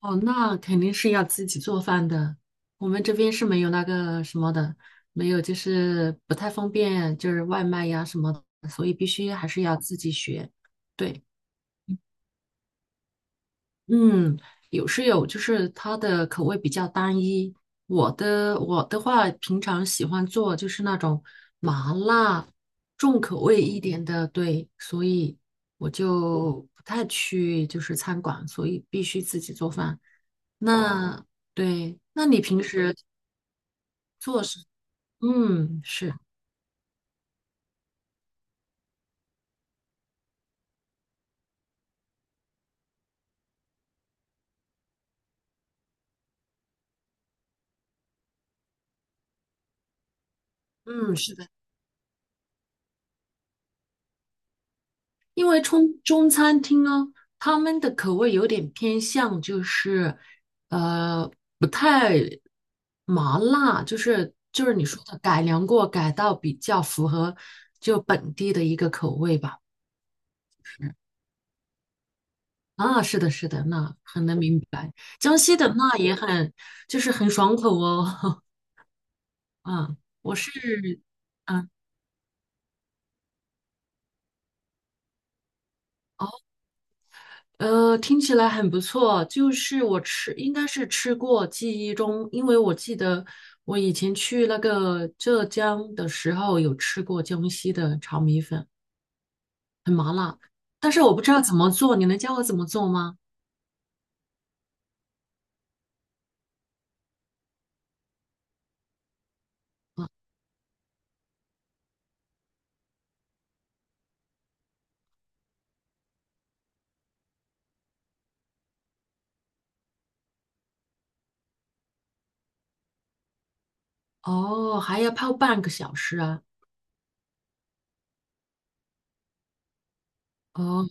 哦，那肯定是要自己做饭的。我们这边是没有那个什么的，没有，就是不太方便，就是外卖呀什么的，所以必须还是要自己学。对。嗯，有是有，就是它的口味比较单一。我的话，平常喜欢做就是那种麻辣重口味一点的，对，所以我就不太去就是餐馆，所以必须自己做饭。哦那对，那你平时做是？嗯，是，嗯，是的。因为中餐厅哦，他们的口味有点偏向，就是呃不太麻辣，就是你说的改良过，改到比较符合就本地的一个口味吧。是啊，是的，是的，那很能明白。江西的辣也很就是很爽口哦。啊，我是啊。听起来很不错。就是我吃，应该是吃过，记忆中，因为我记得我以前去那个浙江的时候有吃过江西的炒米粉，很麻辣，但是我不知道怎么做，你能教我怎么做吗？啊哦，还要泡半个小时啊。哦，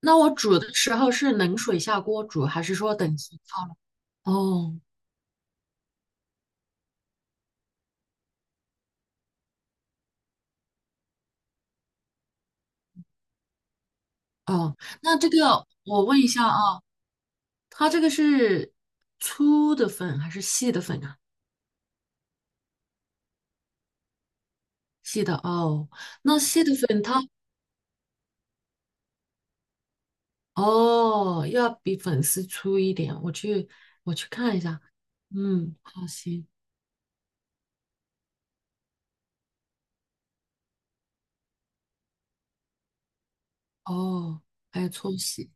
那我煮的时候是冷水下锅煮，还是说等级泡了？哦哦，那这个我问一下啊，它这个是粗的粉还是细的粉啊？细的哦，那细的粉它哦要比粉丝粗一点，我去看一下。嗯，好行哦，还有搓洗，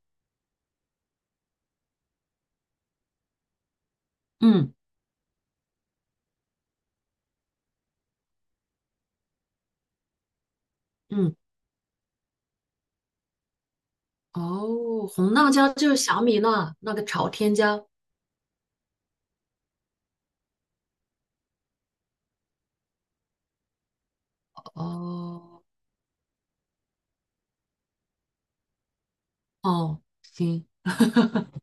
嗯嗯哦，红辣椒就是小米辣那个朝天椒哦哦行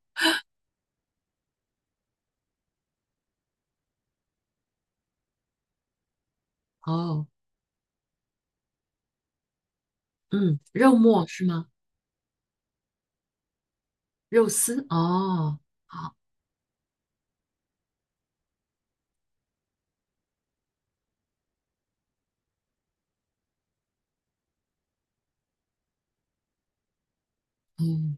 哦嗯，肉末是吗？肉丝哦好嗯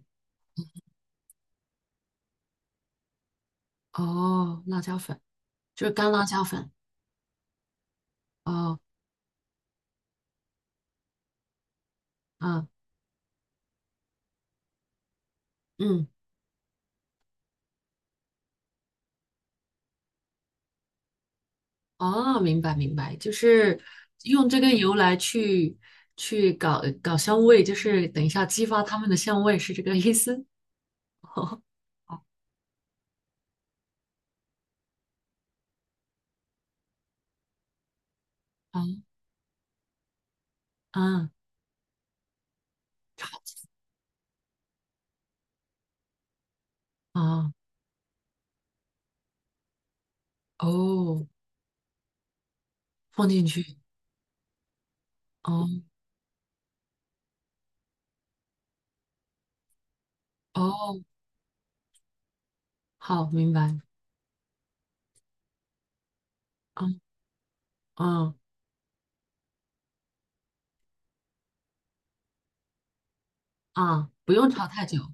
哦辣椒粉就是干辣椒粉哦嗯嗯。哦，明白明白，就是用这个油来去去搞香味，就是等一下激发他们的香味，是这个意思？哦，啊啊哦，哦放进去，哦哦，好，明白，嗯嗯啊，不用炒太久，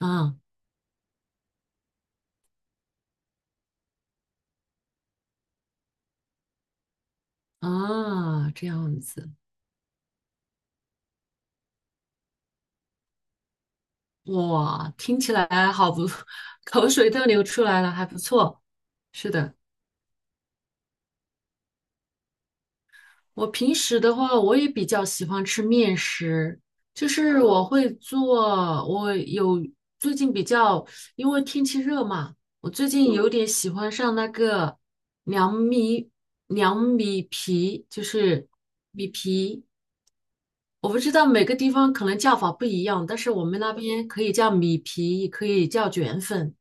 嗯啊，这样子，哇，听起来好不，口水都流出来了，还不错，是的。我平时的话，我也比较喜欢吃面食，就是我会做，我有最近比较，因为天气热嘛，我最近有点喜欢上那个凉米凉米皮，就是我不知道每个地方可能叫法不一样，但是我们那边可以叫米皮，也可以叫卷粉。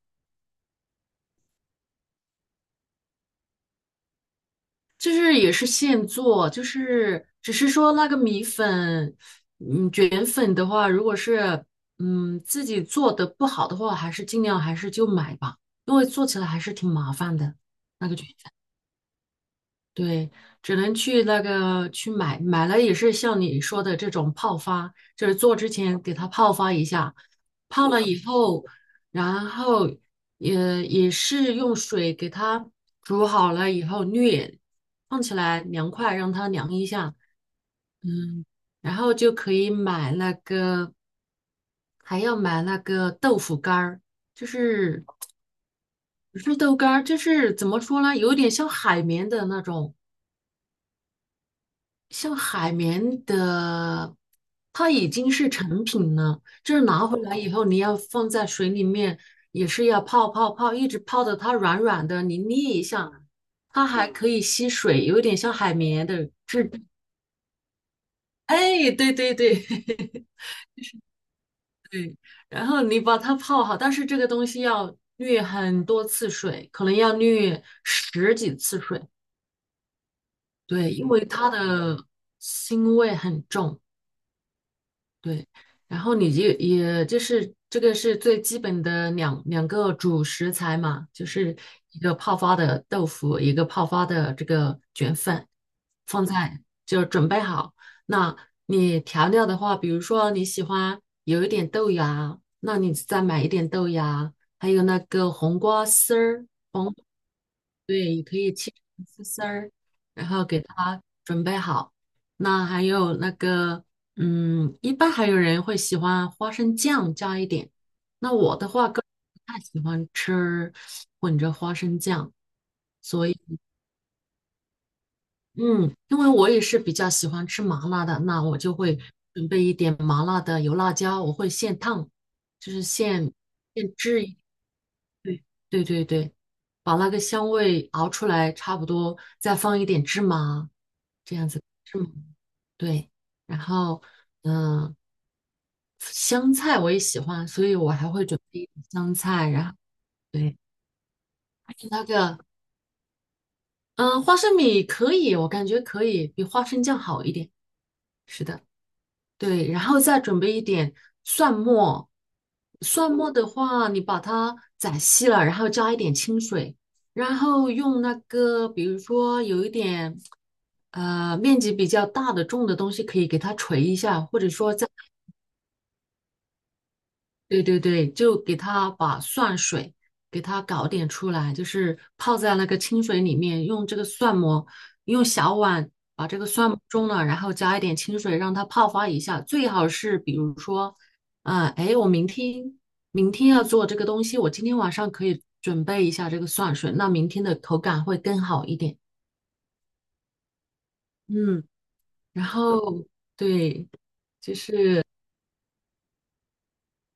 就是也是现做，就是只是说那个米粉，嗯，卷粉的话，如果是自己做的不好的话，还是尽量还是就买吧，因为做起来还是挺麻烦的，那个卷。对，只能去那个去买，买了也是像你说的这种泡发，就是做之前给它泡发一下，泡了以后，然后也是用水给它煮好了以后滤，放起来凉快，让它凉一下，嗯，然后就可以买那个，还要买那个豆腐干儿，就是不是豆干儿，就是怎么说呢，有点像海绵的那种。像海绵的，它已经是成品了，就是拿回来以后，你要放在水里面，也是要泡，一直泡的它软软的，你捏一下，它还可以吸水，有点像海绵的质地。哎，对对对，对。然后你把它泡好，但是这个东西要滤很多次水，可能要滤十几次水，对，因为它的腥味很重。对，然后你就也就是这个是最基本的两个主食材嘛，就是一个泡发的豆腐，一个泡发的这个卷粉，放在就准备好。那你调料的话，比如说你喜欢有一点豆芽，那你再买一点豆芽，还有那个黄瓜丝儿，对，也可以切成丝儿，然后给它准备好。那还有那个，嗯，一般还有人会喜欢花生酱加一点。那我的话，个人不太喜欢吃混着花生酱，所以，嗯，因为我也是比较喜欢吃麻辣的，那我就会准备一点麻辣的油辣椒，我会现烫，就是现现制。对对，把那个香味熬出来，差不多再放一点芝麻，这样子芝麻，对，然后嗯、呃香菜我也喜欢，所以我还会准备一点香菜，然后对，而且那个花生米可以，我感觉可以比花生酱好一点，是的。对，然后再准备一点蒜末，蒜末的话，你把它宰细了，然后加一点清水，然后用那个，比如说有一点面积比较大的重的东西，可以给它捶一下，或者说在对对对，就给它把蒜水给它搞点出来，就是泡在那个清水里面，用这个蒜末，用小碗把这个蒜末中了，然后加一点清水让它泡发一下。最好是比如说，我明天明天要做这个东西，我今天晚上可以准备一下这个蒜水，那明天的口感会更好一点。嗯，然后对。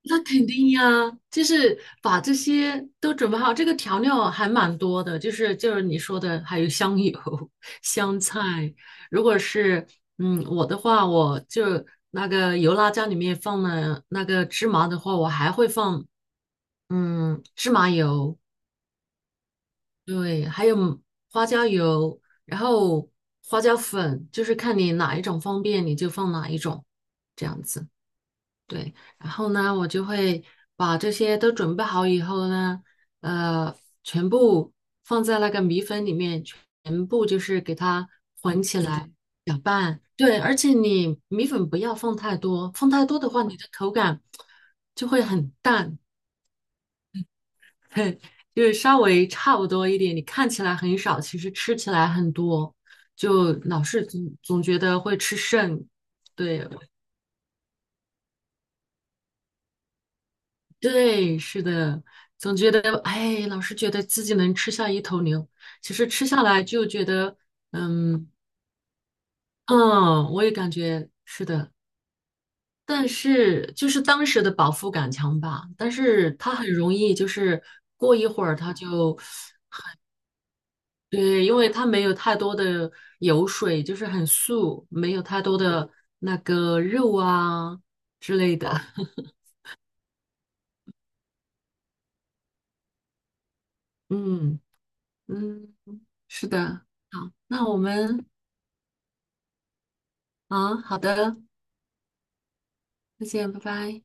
那肯定呀，就是把这些都准备好，这个调料还蛮多的，就是你说的，还有香油、香菜。如果是我的话，我就那个油辣椒里面放了那个芝麻的话，我还会放芝麻油，对，还有花椒油，然后花椒粉，就是看你哪一种方便你就放哪一种，这样子。对，然后呢，我就会把这些都准备好以后呢，呃，全部放在那个米粉里面，全部就是给它混起来，搅拌。对，而且你米粉不要放太多，放太多的话，你的口感就会很淡，嘿，就是稍微差不多一点。你看起来很少，其实吃起来很多，就老是总觉得会吃剩。对，对，是的，总觉得哎，老是觉得自己能吃下一头牛，其实吃下来就觉得，嗯嗯，我也感觉是的，但是就是当时的饱腹感强吧，但是它很容易就是过一会儿它就，对，因为它没有太多的油水，就是很素，没有太多的那个肉啊之类的，嗯嗯，是的，好，那我们啊，好的。再见，拜拜。